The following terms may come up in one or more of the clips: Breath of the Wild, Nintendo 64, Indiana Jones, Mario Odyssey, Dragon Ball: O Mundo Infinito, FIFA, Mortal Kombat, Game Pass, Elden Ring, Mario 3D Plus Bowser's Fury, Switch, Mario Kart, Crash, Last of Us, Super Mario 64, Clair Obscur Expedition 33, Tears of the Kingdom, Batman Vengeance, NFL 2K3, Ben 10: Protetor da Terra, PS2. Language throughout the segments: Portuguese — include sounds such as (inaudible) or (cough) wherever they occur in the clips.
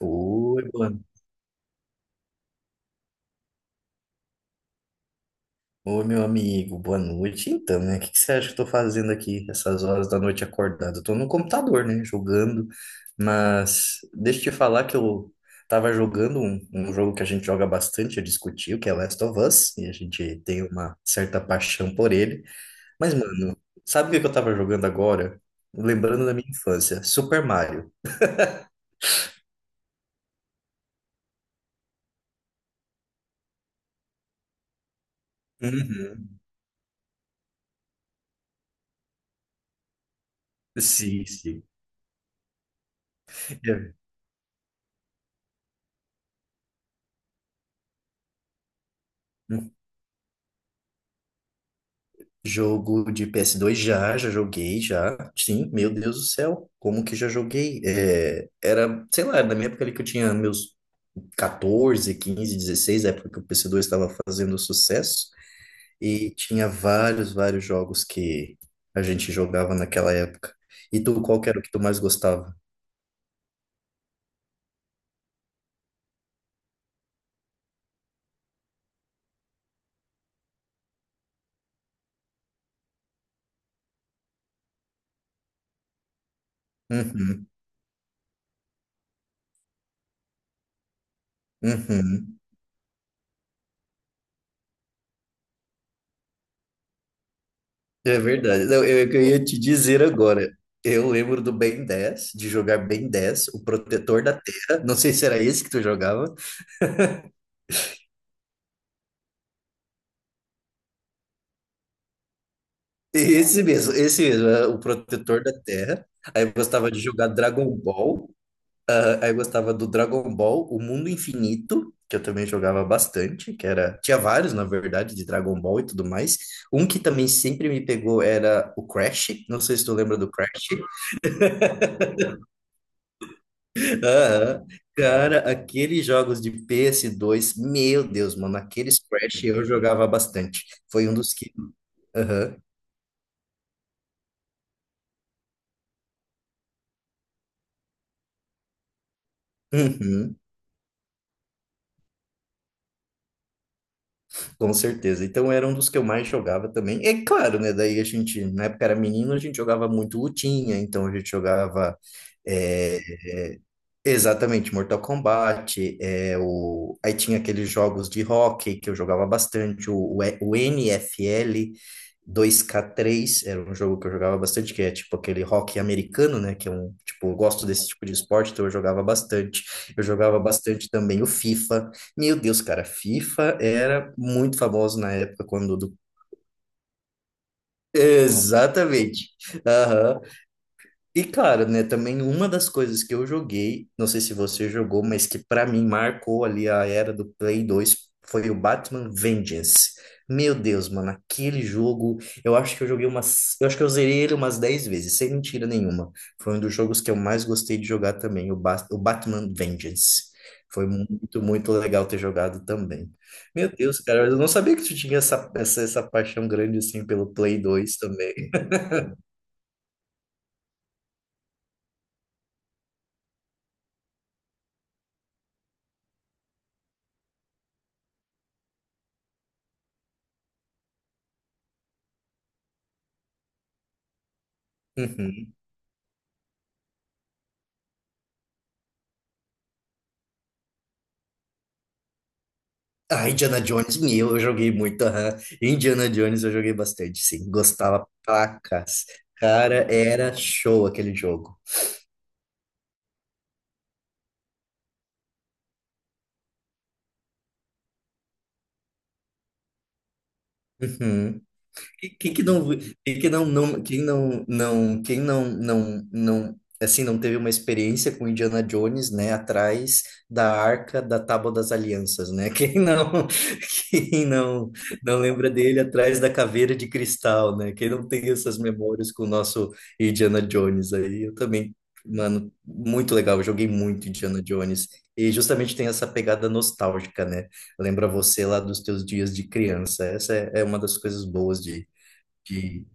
Oi, boa... Oi, meu amigo, boa noite. Então, né? O que que você acha que eu tô fazendo aqui essas horas da noite acordado? Eu tô no computador, né? Jogando. Mas deixa eu te falar que eu tava jogando um jogo que a gente joga bastante, eu discuti, o que é Last of Us, e a gente tem uma certa paixão por ele. Mas, mano, sabe o que que eu tava jogando agora? Lembrando da minha infância, Super Mario. Uhum. Sim, sim. É. Jogo de PS2 já joguei já. Sim, meu Deus do céu, como que já joguei? É, era, sei lá, na minha época ali que eu tinha meus 14 15 16 época que o PS2 estava fazendo sucesso, e tinha vários jogos que a gente jogava naquela época. E tu, qual que era o que tu mais gostava? Uhum, uhum. É verdade. Não, eu ia te dizer agora. Eu lembro do Ben 10 de jogar Ben 10 o protetor da terra. Não sei se era esse que tu jogava. Esse mesmo, é o protetor da Terra. Aí eu gostava de jogar Dragon Ball. Ah, aí eu gostava do Dragon Ball, o Mundo Infinito, que eu também jogava bastante, que era, tinha vários, na verdade, de Dragon Ball e tudo mais. Um que também sempre me pegou era o Crash. Não sei se tu lembra do Crash. (laughs) Aham. Cara, aqueles jogos de PS2, meu Deus, mano, aqueles Crash eu jogava bastante. Foi um dos que. Aham. Uhum. Com certeza. Então era um dos que eu mais jogava também. É claro, né? Daí a gente, na época era menino, a gente jogava muito lutinha, então a gente jogava. eh, Exatamente, Mortal Kombat, é, aí tinha aqueles jogos de hóquei que eu jogava bastante, o NFL 2K3 era um jogo que eu jogava bastante, que é tipo aquele hóquei americano, né, que é um, tipo, eu gosto desse tipo de esporte, então eu jogava bastante também o FIFA, meu Deus, cara, FIFA era muito famoso na época. Exatamente. E cara, né, também uma das coisas que eu joguei, não sei se você jogou, mas que pra mim marcou ali a era do Play 2 foi o Batman Vengeance. Meu Deus, mano, aquele jogo, eu acho que eu joguei umas, eu acho que eu zerei ele umas 10 vezes, sem mentira nenhuma. Foi um dos jogos que eu mais gostei de jogar também, o Batman Vengeance. Foi muito, muito legal ter jogado também. Meu Deus, cara, eu não sabia que tu tinha essa paixão grande assim pelo Play 2 também. Uhum. Ah, Indiana Jones, meu, eu joguei muito. Aham. Indiana Jones eu joguei bastante, sim. Gostava pra cacete. Cara, era show aquele jogo. Uhum. Quem quem que não, quem, quem não, assim, não teve uma experiência com Indiana Jones, né, atrás da Arca da Tábua das Alianças, né? Quem não, (laughs) quem não lembra dele atrás da Caveira de Cristal, né? Quem não tem essas memórias com o nosso Indiana Jones aí, eu também, mano, muito legal, eu joguei muito Indiana Jones. E justamente tem essa pegada nostálgica, né? Lembra você lá dos teus dias de criança. Essa é uma das coisas boas de.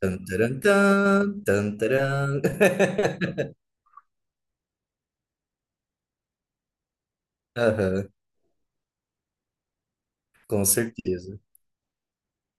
Tan, taran, tan, tan, taran. (laughs) Aham, com certeza.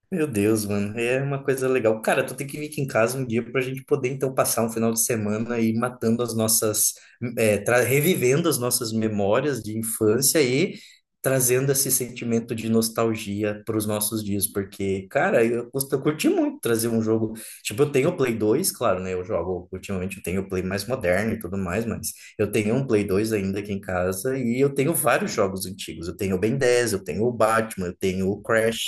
Meu Deus, mano, é uma coisa legal. Cara, tu tem que vir aqui em casa um dia pra gente poder então passar um final de semana e matando as nossas, revivendo as nossas memórias de infância e trazendo esse sentimento de nostalgia para os nossos dias, porque, cara, eu curti muito trazer um jogo. Tipo, eu tenho o Play 2, claro, né? Eu jogo ultimamente, eu tenho o Play mais moderno e tudo mais, mas eu tenho um Play 2 ainda aqui em casa e eu tenho vários jogos antigos. Eu tenho o Ben 10, eu tenho o Batman, eu tenho o Crash.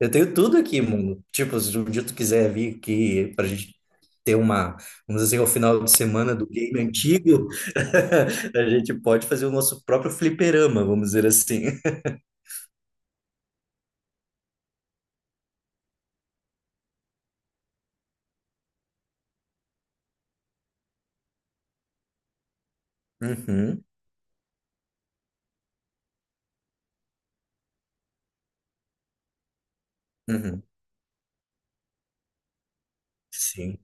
Eu tenho tudo aqui, mundo. Tipo, se um dia tu quiser vir aqui pra gente ter uma, vamos dizer, o final de semana do game antigo, (laughs) a gente pode fazer o nosso próprio fliperama, vamos dizer assim. Uhum, uhum, sim.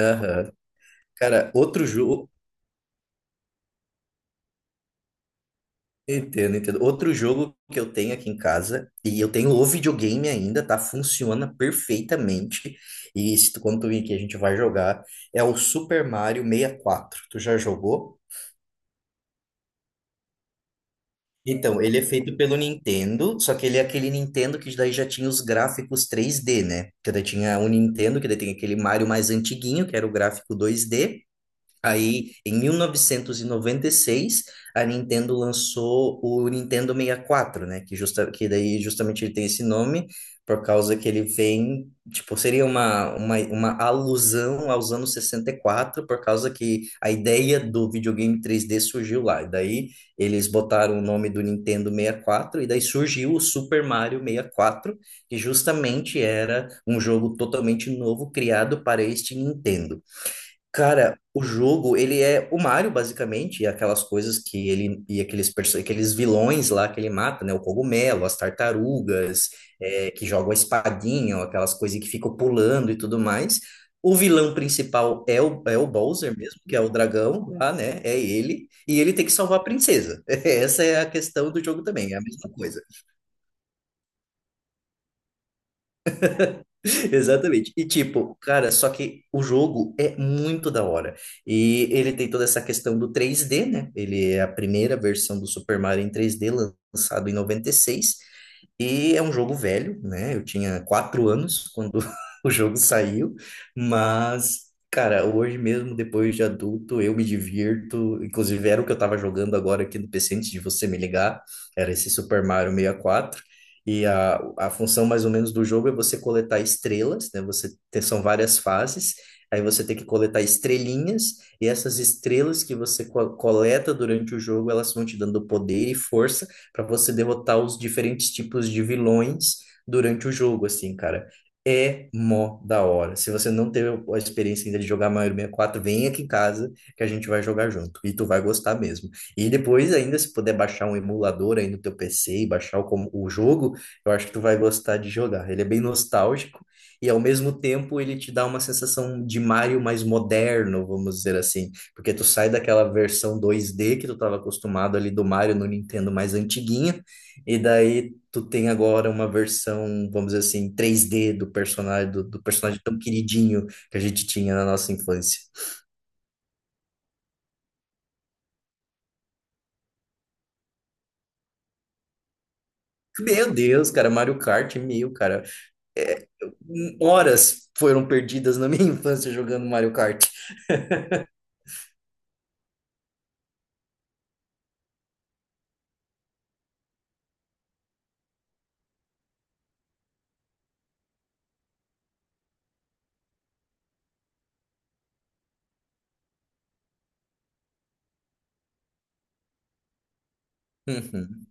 Aham. Cara, outro jogo. Entendo, entendo. Outro jogo que eu tenho aqui em casa, e eu tenho o videogame ainda, tá? Funciona perfeitamente. E se tu, quando tu vir aqui, a gente vai jogar. É o Super Mario 64. Tu já jogou? Então, ele é feito pelo Nintendo, só que ele é aquele Nintendo que daí já tinha os gráficos 3D, né? Que daí tinha o Nintendo, que daí tem aquele Mario mais antiguinho, que era o gráfico 2D. Aí, em mil novecentos e noventa e seis, a Nintendo lançou o Nintendo 64, né? Que daí justamente ele tem esse nome por causa que ele vem, tipo, seria uma alusão aos anos 64 por causa que a ideia do videogame 3D surgiu lá. E daí eles botaram o nome do Nintendo 64 e quatro, e daí surgiu o Super Mario 64 que justamente era um jogo totalmente novo criado para este Nintendo. Cara, o jogo, ele é o Mario, basicamente, e aquelas coisas que ele, aqueles vilões lá que ele mata, né? O cogumelo, as tartarugas, é, que jogam a espadinha, ou aquelas coisas que ficam pulando e tudo mais. O vilão principal é o Bowser mesmo, que é o dragão lá, né? É ele. E ele tem que salvar a princesa. (laughs) Essa é a questão do jogo também, é a mesma coisa. (laughs) Exatamente. E tipo, cara, só que o jogo é muito da hora. E ele tem toda essa questão do 3D, né? Ele é a primeira versão do Super Mario em 3D lançado em 96. E é um jogo velho, né? Eu tinha 4 anos quando (laughs) o jogo saiu, mas, cara, hoje mesmo, depois de adulto, eu me divirto. Inclusive, era o que eu tava jogando agora aqui no PC antes de você me ligar, era esse Super Mario 64. E quatro. E a função mais ou menos do jogo é você coletar estrelas, né? Você tem, são várias fases. Aí você tem que coletar estrelinhas, e essas estrelas que você coleta durante o jogo, elas vão te dando poder e força para você derrotar os diferentes tipos de vilões durante o jogo, assim, cara. É mó da hora. Se você não teve a experiência ainda de jogar Mario 64 vem aqui em casa que a gente vai jogar junto. E tu vai gostar mesmo. E depois, ainda, se puder baixar um emulador aí no teu PC e baixar o jogo, eu acho que tu vai gostar de jogar. Ele é bem nostálgico. E ao mesmo tempo ele te dá uma sensação de Mario mais moderno, vamos dizer assim, porque tu sai daquela versão 2D que tu estava acostumado ali do Mario no Nintendo mais antiguinha e daí tu tem agora uma versão, vamos dizer assim, 3D do personagem, do personagem tão queridinho que a gente tinha na nossa infância. Meu Deus, cara, Mario Kart mil, cara. É, horas foram perdidas na minha (laughs) infância jogando Mario Kart. (laughs) Uhum,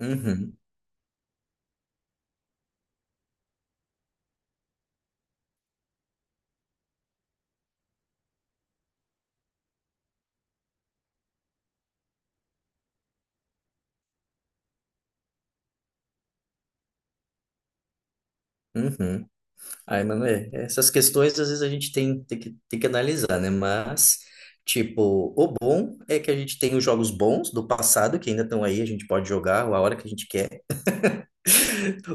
uhum, uhum. Ai, mano, é, essas questões às vezes a gente tem que analisar, né? Mas, tipo, o bom é que a gente tem os jogos bons do passado que ainda estão aí, a gente pode jogar a hora que a gente quer.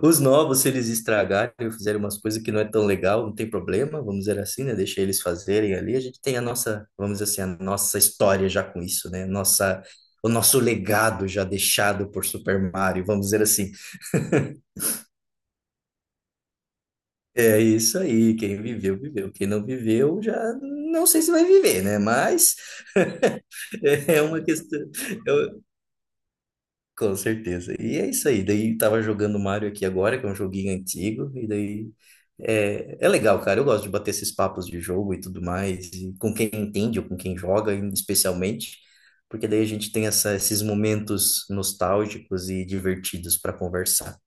Os novos, se eles estragarem ou fizerem umas coisas que não é tão legal, não tem problema, vamos dizer assim, né? Deixa eles fazerem ali. A gente tem a nossa, vamos dizer assim, a nossa história já com isso, né? Nossa, o nosso legado já deixado por Super Mario, vamos dizer assim. É isso aí, quem viveu, viveu. Quem não viveu, já não sei se vai viver, né? Mas (laughs) é uma questão. É, com certeza. E é isso aí. Daí tava jogando Mario aqui agora, que é um joguinho antigo, e daí é legal, cara. Eu gosto de bater esses papos de jogo e tudo mais, e com quem entende ou com quem joga, especialmente, porque daí a gente tem esses momentos nostálgicos e divertidos para conversar.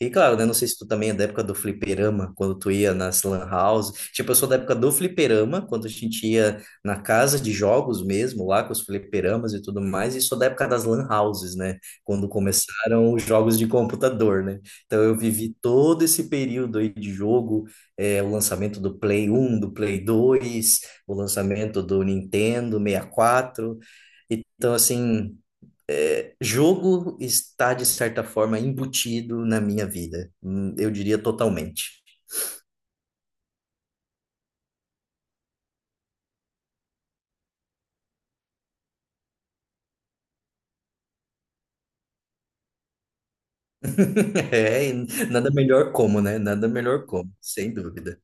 E claro, né? Não sei se tu também é da época do fliperama, quando tu ia nas lan house. Tipo, eu sou da época do fliperama, quando a gente ia na casa de jogos mesmo, lá com os fliperamas e tudo mais. E sou da época das lan houses, né? Quando começaram os jogos de computador, né? Então eu vivi todo esse período aí de jogo, é, o lançamento do Play 1 do Play 2 o lançamento do Nintendo 64. Então, assim. É, jogo está, de certa forma, embutido na minha vida. Eu diria totalmente. (laughs) É, e nada melhor como, né? Nada melhor como, sem dúvida.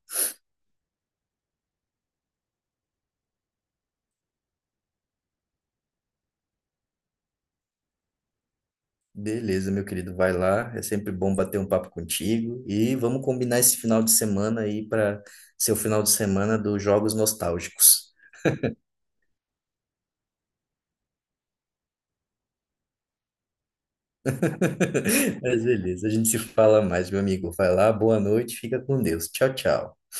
Beleza, meu querido, vai lá. É sempre bom bater um papo contigo. E vamos combinar esse final de semana aí para ser o final de semana dos jogos nostálgicos. (laughs) Mas beleza, a gente se fala mais, meu amigo. Vai lá, boa noite, fica com Deus. Tchau, tchau.